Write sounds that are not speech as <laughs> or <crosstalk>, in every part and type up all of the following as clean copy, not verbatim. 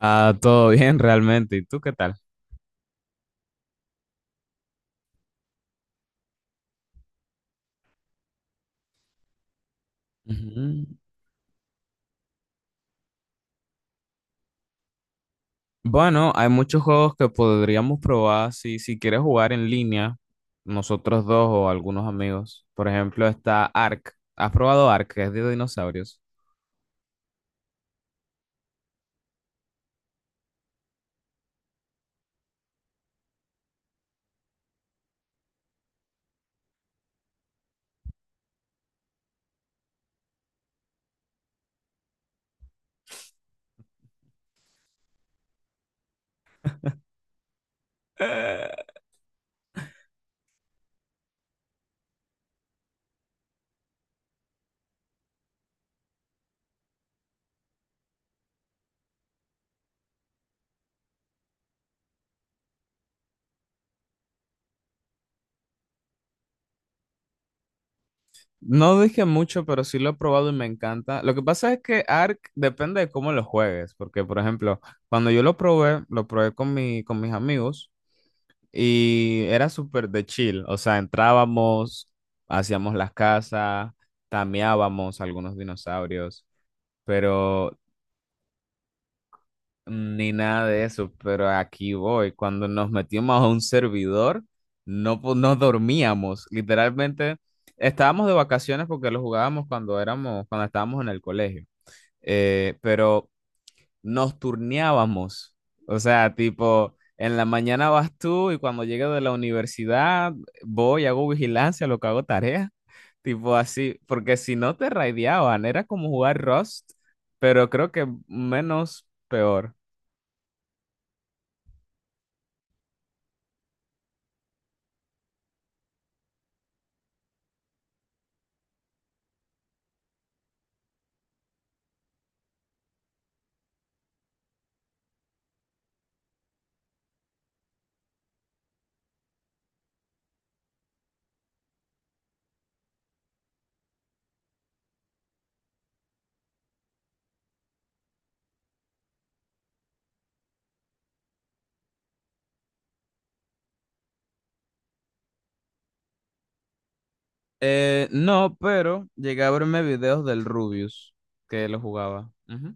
Ah, todo <laughs> bien realmente. ¿Y tú qué tal? Ujú. Bueno, hay muchos juegos que podríamos probar si quieres jugar en línea, nosotros dos o algunos amigos. Por ejemplo, está Ark. ¿Has probado Ark? Que es de dinosaurios. Eh, No dije mucho, pero sí lo he probado y me encanta. Lo que pasa es que Ark depende de cómo lo juegues, porque por ejemplo, cuando yo lo probé con con mis amigos. Y era súper de chill, o sea, entrábamos, hacíamos las casas, tameábamos algunos dinosaurios, pero ni nada de eso, pero aquí voy, cuando nos metimos a un servidor, no, no dormíamos, literalmente estábamos de vacaciones porque lo jugábamos cuando éramos, cuando estábamos en el colegio, pero nos turneábamos. O sea, tipo, en la mañana vas tú y cuando llegue de la universidad voy, hago vigilancia, lo que hago tarea. <laughs> Tipo así, porque si no te raideaban, era como jugar Rust, pero creo que menos peor. No, pero llegué a verme videos del Rubius, que lo jugaba. Ujú.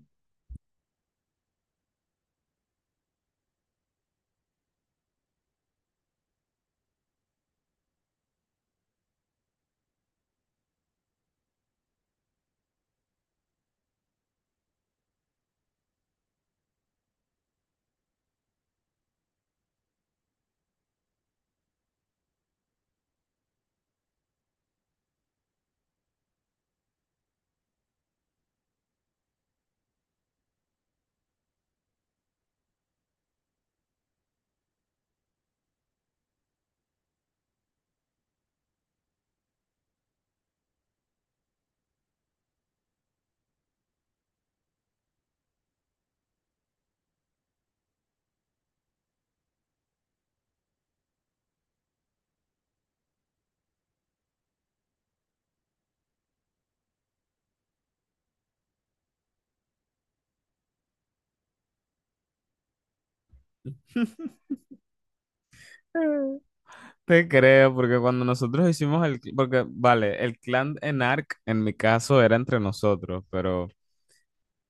Te creo, porque cuando nosotros hicimos porque vale, el clan en Ark en mi caso era entre nosotros, pero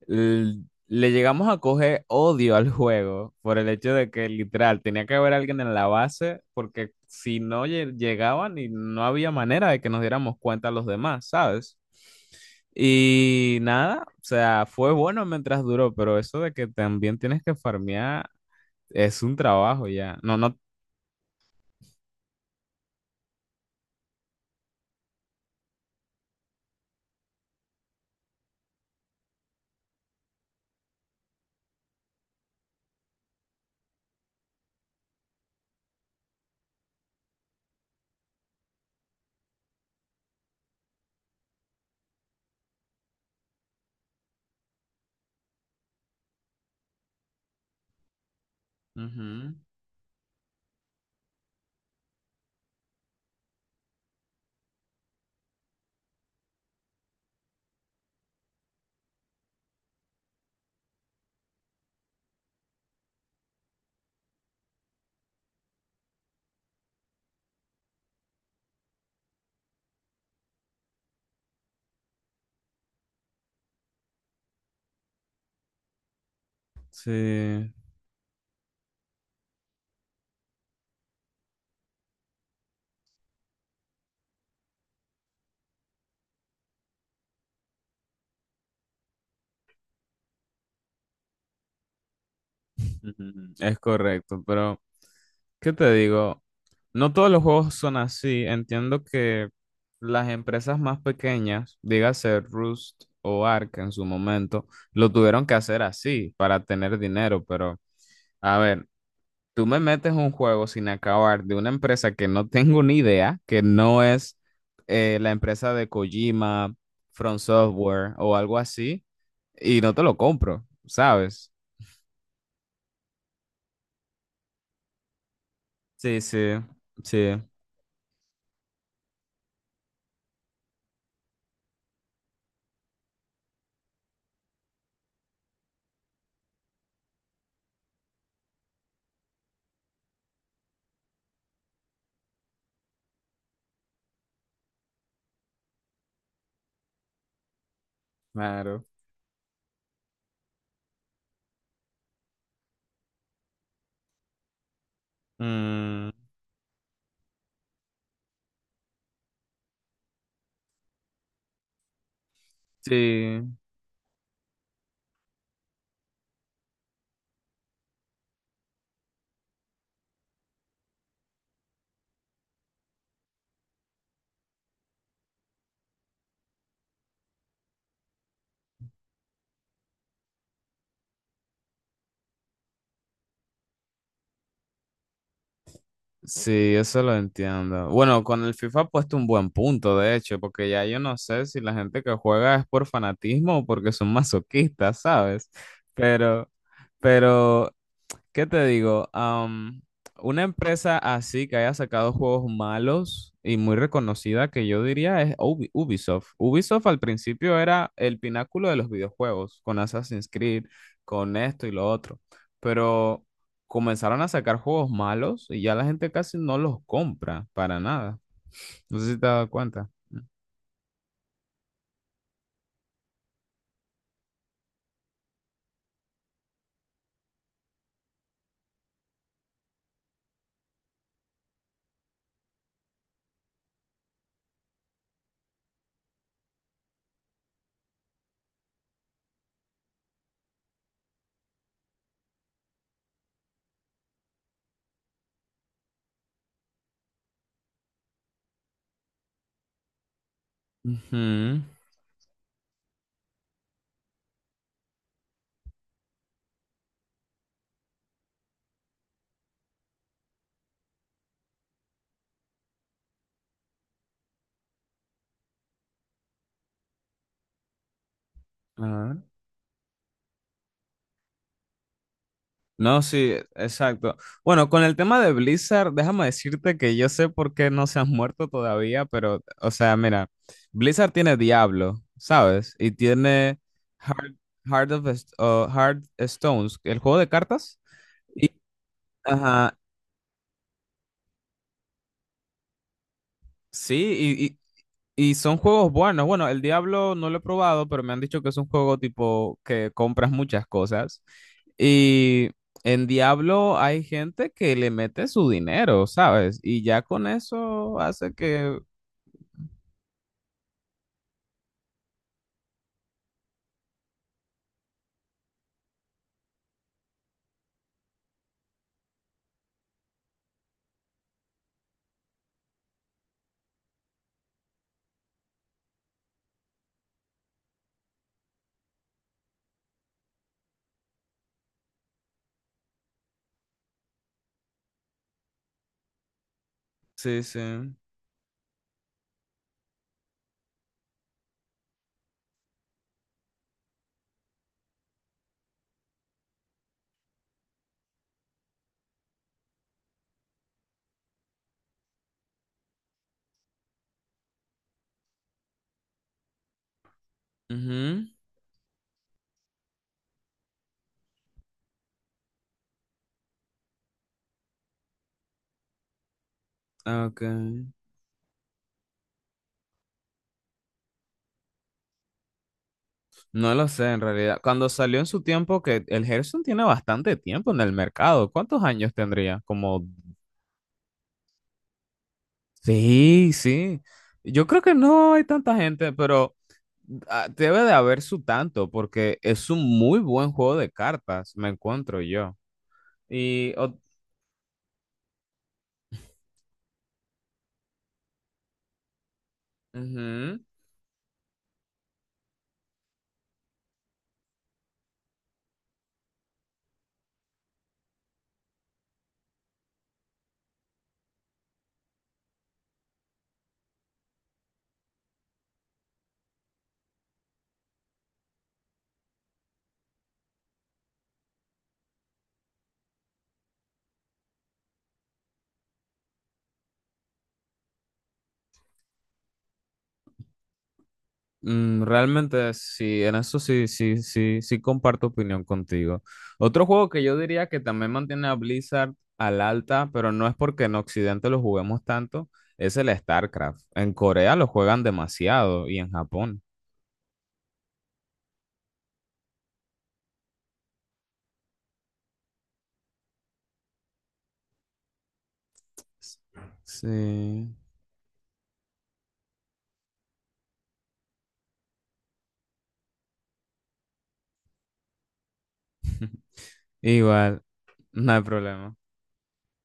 le llegamos a coger odio al juego por el hecho de que literal tenía que haber alguien en la base porque si no llegaban y no había manera de que nos diéramos cuenta los demás, ¿sabes? Y nada, o sea, fue bueno mientras duró, pero eso de que también tienes que farmear es un trabajo ya. No, no. Ujú. Sí, ujú, es correcto, pero ¿qué te digo? No todos los juegos son así. Entiendo que las empresas más pequeñas, dígase Rust o Ark en su momento, lo tuvieron que hacer así para tener dinero. Pero, a ver, tú me metes un juego sin acabar de una empresa que no <laughs> tengo ni idea, que no es la empresa de Kojima, From Software o algo así, y no te lo compro, ¿sabes? Sí, sí, sí, claro. Mm, sí. Sí, eso lo entiendo. Bueno, con el FIFA ha puesto un buen punto, de hecho, porque ya yo no sé si la gente que juega es por fanatismo o porque son masoquistas, ¿sabes? Pero, pero ¿qué te digo? Una empresa así que haya sacado juegos malos y muy reconocida que yo diría es Ubisoft. Ubisoft al principio era el pináculo de los videojuegos, con Assassin's Creed, con esto y lo otro, pero comenzaron a sacar juegos malos y ya la gente casi no los compra para nada. No sé si te has dado cuenta. Ujú. No, sí, exacto. Bueno, con el tema de Blizzard, déjame decirte que yo sé por qué no se han muerto todavía, pero, o sea, mira, Blizzard tiene Diablo, ¿sabes? Y tiene Heart, o Heart Stones, el juego de cartas. Y, ajá, sí, y son juegos buenos. Bueno, el Diablo no lo he probado, pero me han dicho que es un juego tipo que compras muchas cosas. Y en Diablo hay gente que le mete su dinero, ¿sabes? Y ya con eso hace que... Sí, sí. Ujú. Ok. No lo sé en realidad. Cuando salió en su tiempo, que el Hearthstone tiene bastante tiempo en el mercado. ¿Cuántos años tendría? Como sí, sí. Yo creo que no hay tanta gente, pero debe de haber su tanto, porque es un muy buen juego de cartas, me encuentro yo. Y ujú. Mm, realmente sí, en eso sí, sí, sí, sí comparto opinión contigo. Otro juego que yo diría que también mantiene a Blizzard al alta, pero no es porque en Occidente lo juguemos tanto, es el StarCraft. En Corea lo juegan demasiado y en Japón. Sí. Igual. No hay problema.